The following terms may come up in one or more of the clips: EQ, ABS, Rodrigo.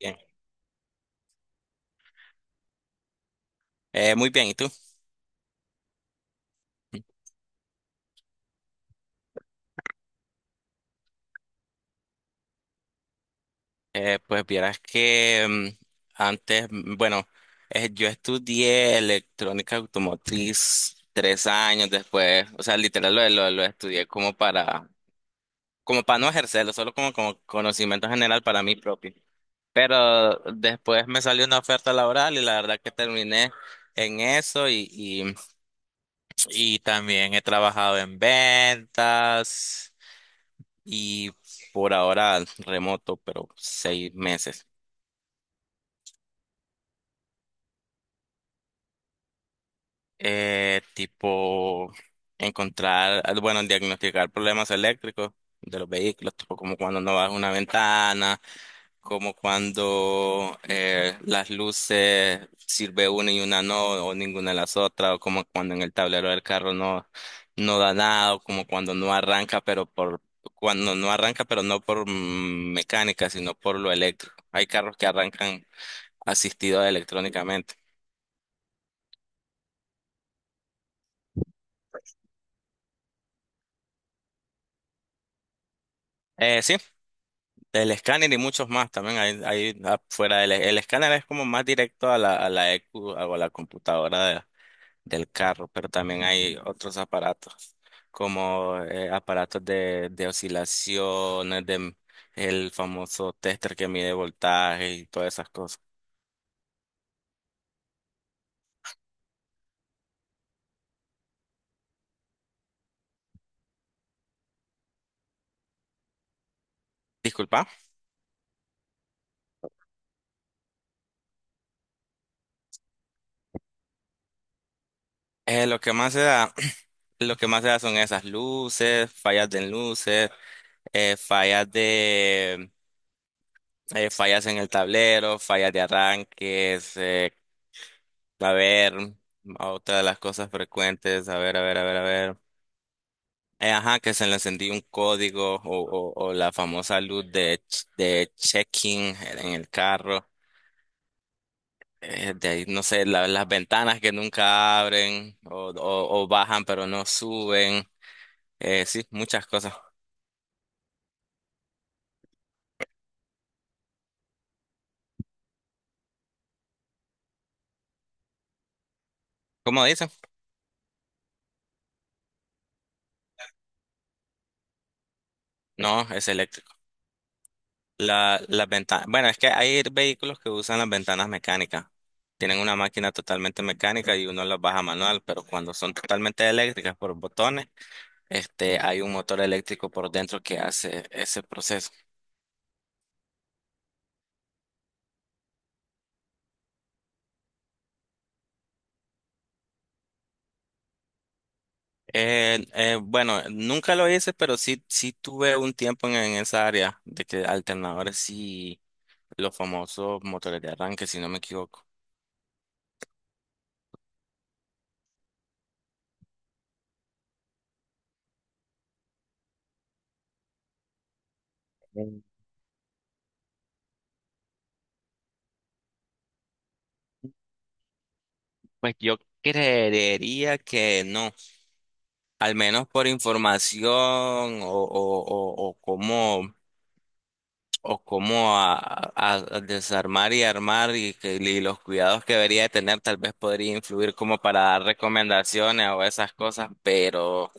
Bien. Muy bien, ¿y tú? Pues vieras que mm, antes, yo estudié electrónica automotriz 3 años después, o sea, literal lo estudié como para, como para no ejercerlo, solo como, como conocimiento general para mí propio. Pero después me salió una oferta laboral y la verdad que terminé en eso y y también he trabajado en ventas y por ahora remoto, pero 6 meses. Tipo encontrar, bueno, diagnosticar problemas eléctricos de los vehículos, tipo como cuando no baja una ventana, como cuando las luces sirve una y una no, o ninguna de las otras, o como cuando en el tablero del carro no da nada, o como cuando no arranca, pero por, cuando no arranca, pero no por mecánica, sino por lo eléctrico. Hay carros que arrancan asistidos electrónicamente. Sí, el escáner y muchos más también hay afuera del el escáner es como más directo a la EQ o a la computadora del carro, pero también hay otros aparatos como aparatos de oscilaciones, de el famoso tester que mide voltaje y todas esas cosas. Disculpa. Lo que más se da, lo que más se da son esas luces, fallas de luces, eh, fallas de fallas en el tablero, fallas de arranques, a ver, otra de las cosas frecuentes, a ver. Ajá, que se le encendió un código o o la famosa luz de, de checking en el carro. De ahí, no sé, las ventanas que nunca abren o o bajan pero no suben. Sí, muchas cosas. ¿Cómo dice? No, es eléctrico. La, las ventanas, bueno, es que hay vehículos que usan las ventanas mecánicas. Tienen una máquina totalmente mecánica y uno las baja manual, pero cuando son totalmente eléctricas por botones, este, hay un motor eléctrico por dentro que hace ese proceso. Bueno, nunca lo hice, pero sí, sí tuve un tiempo en esa área de que alternadores y los famosos motores de arranque, si no me equivoco. Mm. Pues yo creería que no, al menos por información o, o, o, o cómo, o cómo a desarmar y armar y los cuidados que debería de tener, tal vez podría influir como para dar recomendaciones o esas cosas, pero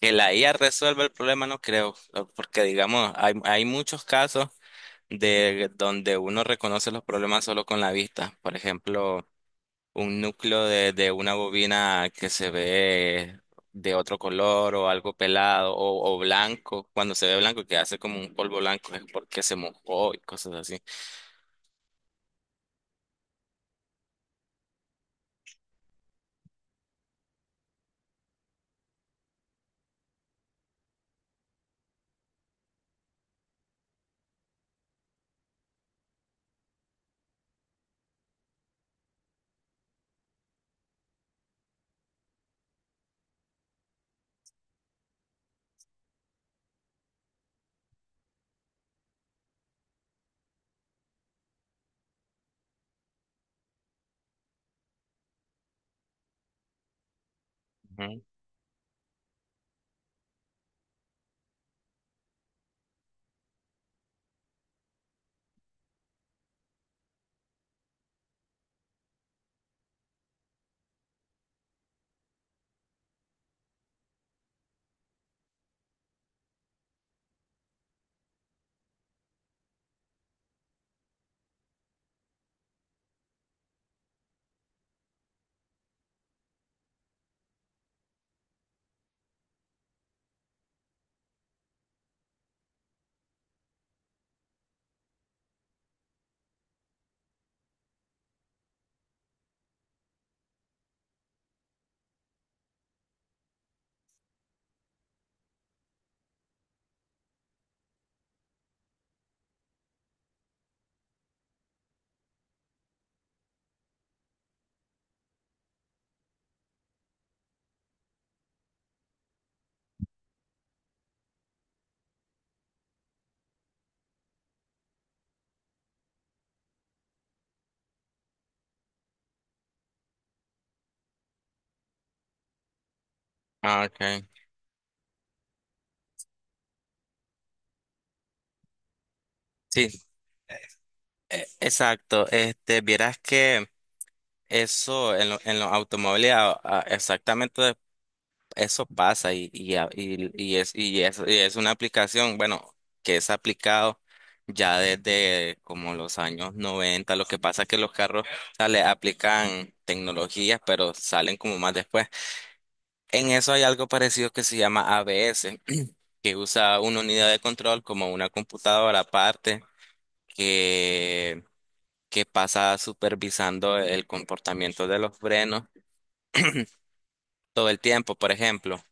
que la IA resuelva el problema no creo, porque digamos, hay muchos casos de donde uno reconoce los problemas solo con la vista. Por ejemplo, un núcleo de una bobina que se ve de otro color o algo pelado o blanco, cuando se ve blanco que hace como un polvo blanco es porque se mojó y cosas así. Ujú. Ah, okay. Sí, exacto. Este, vieras que eso en los automóviles exactamente eso pasa y, a- y- y es, y, es, y, es una aplicación, bueno, que es aplicado ya desde como los años 90. Lo que pasa es que los carros, o sea, le aplican tecnologías, pero salen como más después. En eso hay algo parecido que se llama ABS, que usa una unidad de control como una computadora aparte que, que pasa supervisando el comportamiento de los frenos todo el tiempo, por ejemplo.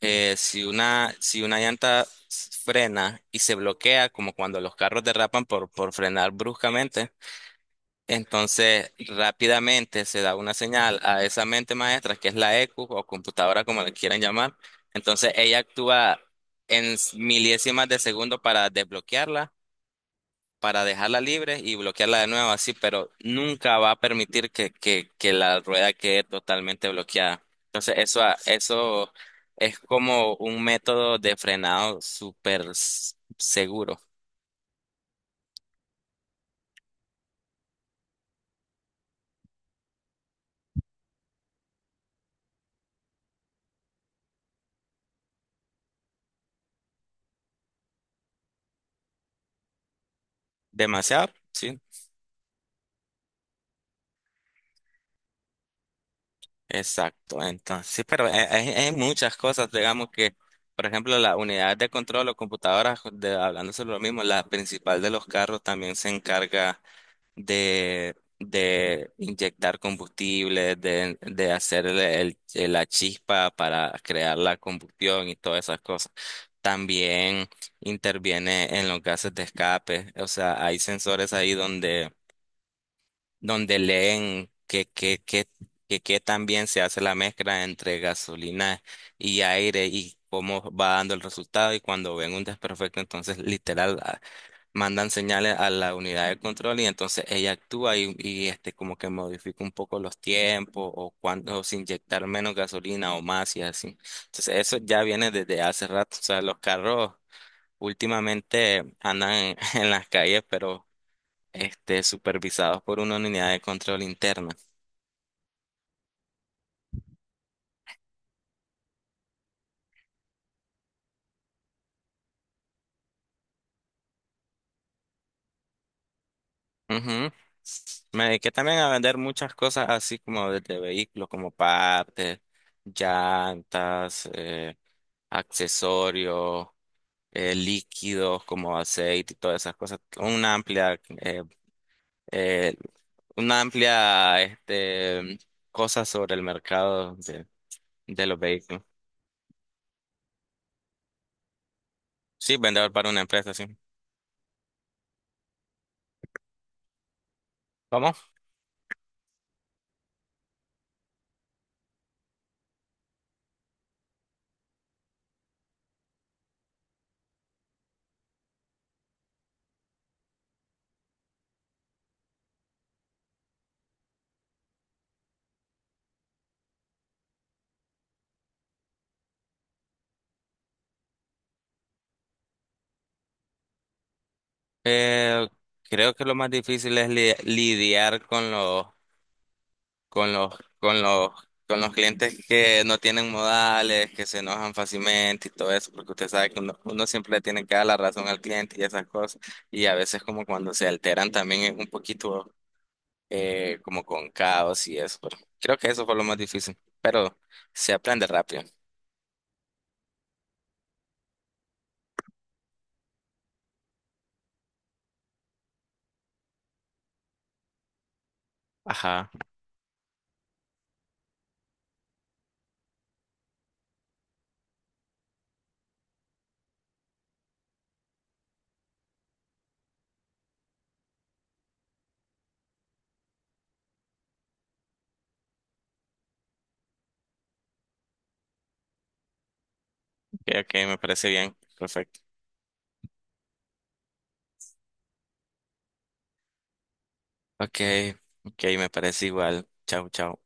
Si una llanta frena y se bloquea, como cuando los carros derrapan por frenar bruscamente, entonces rápidamente se da una señal a esa mente maestra, que es la EQ o computadora, como le quieran llamar. Entonces ella actúa en milésimas de segundo para desbloquearla para dejarla libre y bloquearla de nuevo así, pero nunca va a permitir que la rueda quede totalmente bloqueada. Entonces, eso es como un método de frenado súper seguro. Demasiado, sí, exacto. Entonces, sí, pero hay, hay muchas cosas, digamos que, por ejemplo, la unidad de control o computadoras, de, hablando sobre lo mismo, la principal de los carros también se encarga de inyectar combustible, de hacer la chispa para crear la combustión y todas esas cosas. También interviene en los gases de escape. O sea, hay sensores ahí donde, donde leen qué tan bien se hace la mezcla entre gasolina y aire y cómo va dando el resultado y cuando ven un desperfecto, entonces literal mandan señales a la unidad de control y entonces ella actúa y, como que modifica un poco los tiempos o cuándo se inyectar menos gasolina o más y así. Entonces eso ya viene desde hace rato. O sea, los carros últimamente andan en las calles, pero este supervisados por una unidad de control interna. Ujú. Me dediqué también a vender muchas cosas así como de vehículos, como partes, llantas, accesorios, líquidos como aceite y todas esas cosas. Una eh, amplia, este, cosa sobre el mercado de los vehículos. Sí, vendedor para una empresa, sí. ¿Cómo? Eh, Creo que lo más difícil es lidiar con los con los, con los, con los clientes que no tienen modales, que se enojan fácilmente y todo eso, porque usted sabe que uno siempre le tiene que dar la razón al cliente y esas cosas, y a veces como cuando se alteran también es un poquito como con caos y eso, pero creo que eso fue lo más difícil, pero se aprende rápido. Ajá, ok, ok, me parece bien, perfecto. Ok, ok, me parece igual. Chao, chao.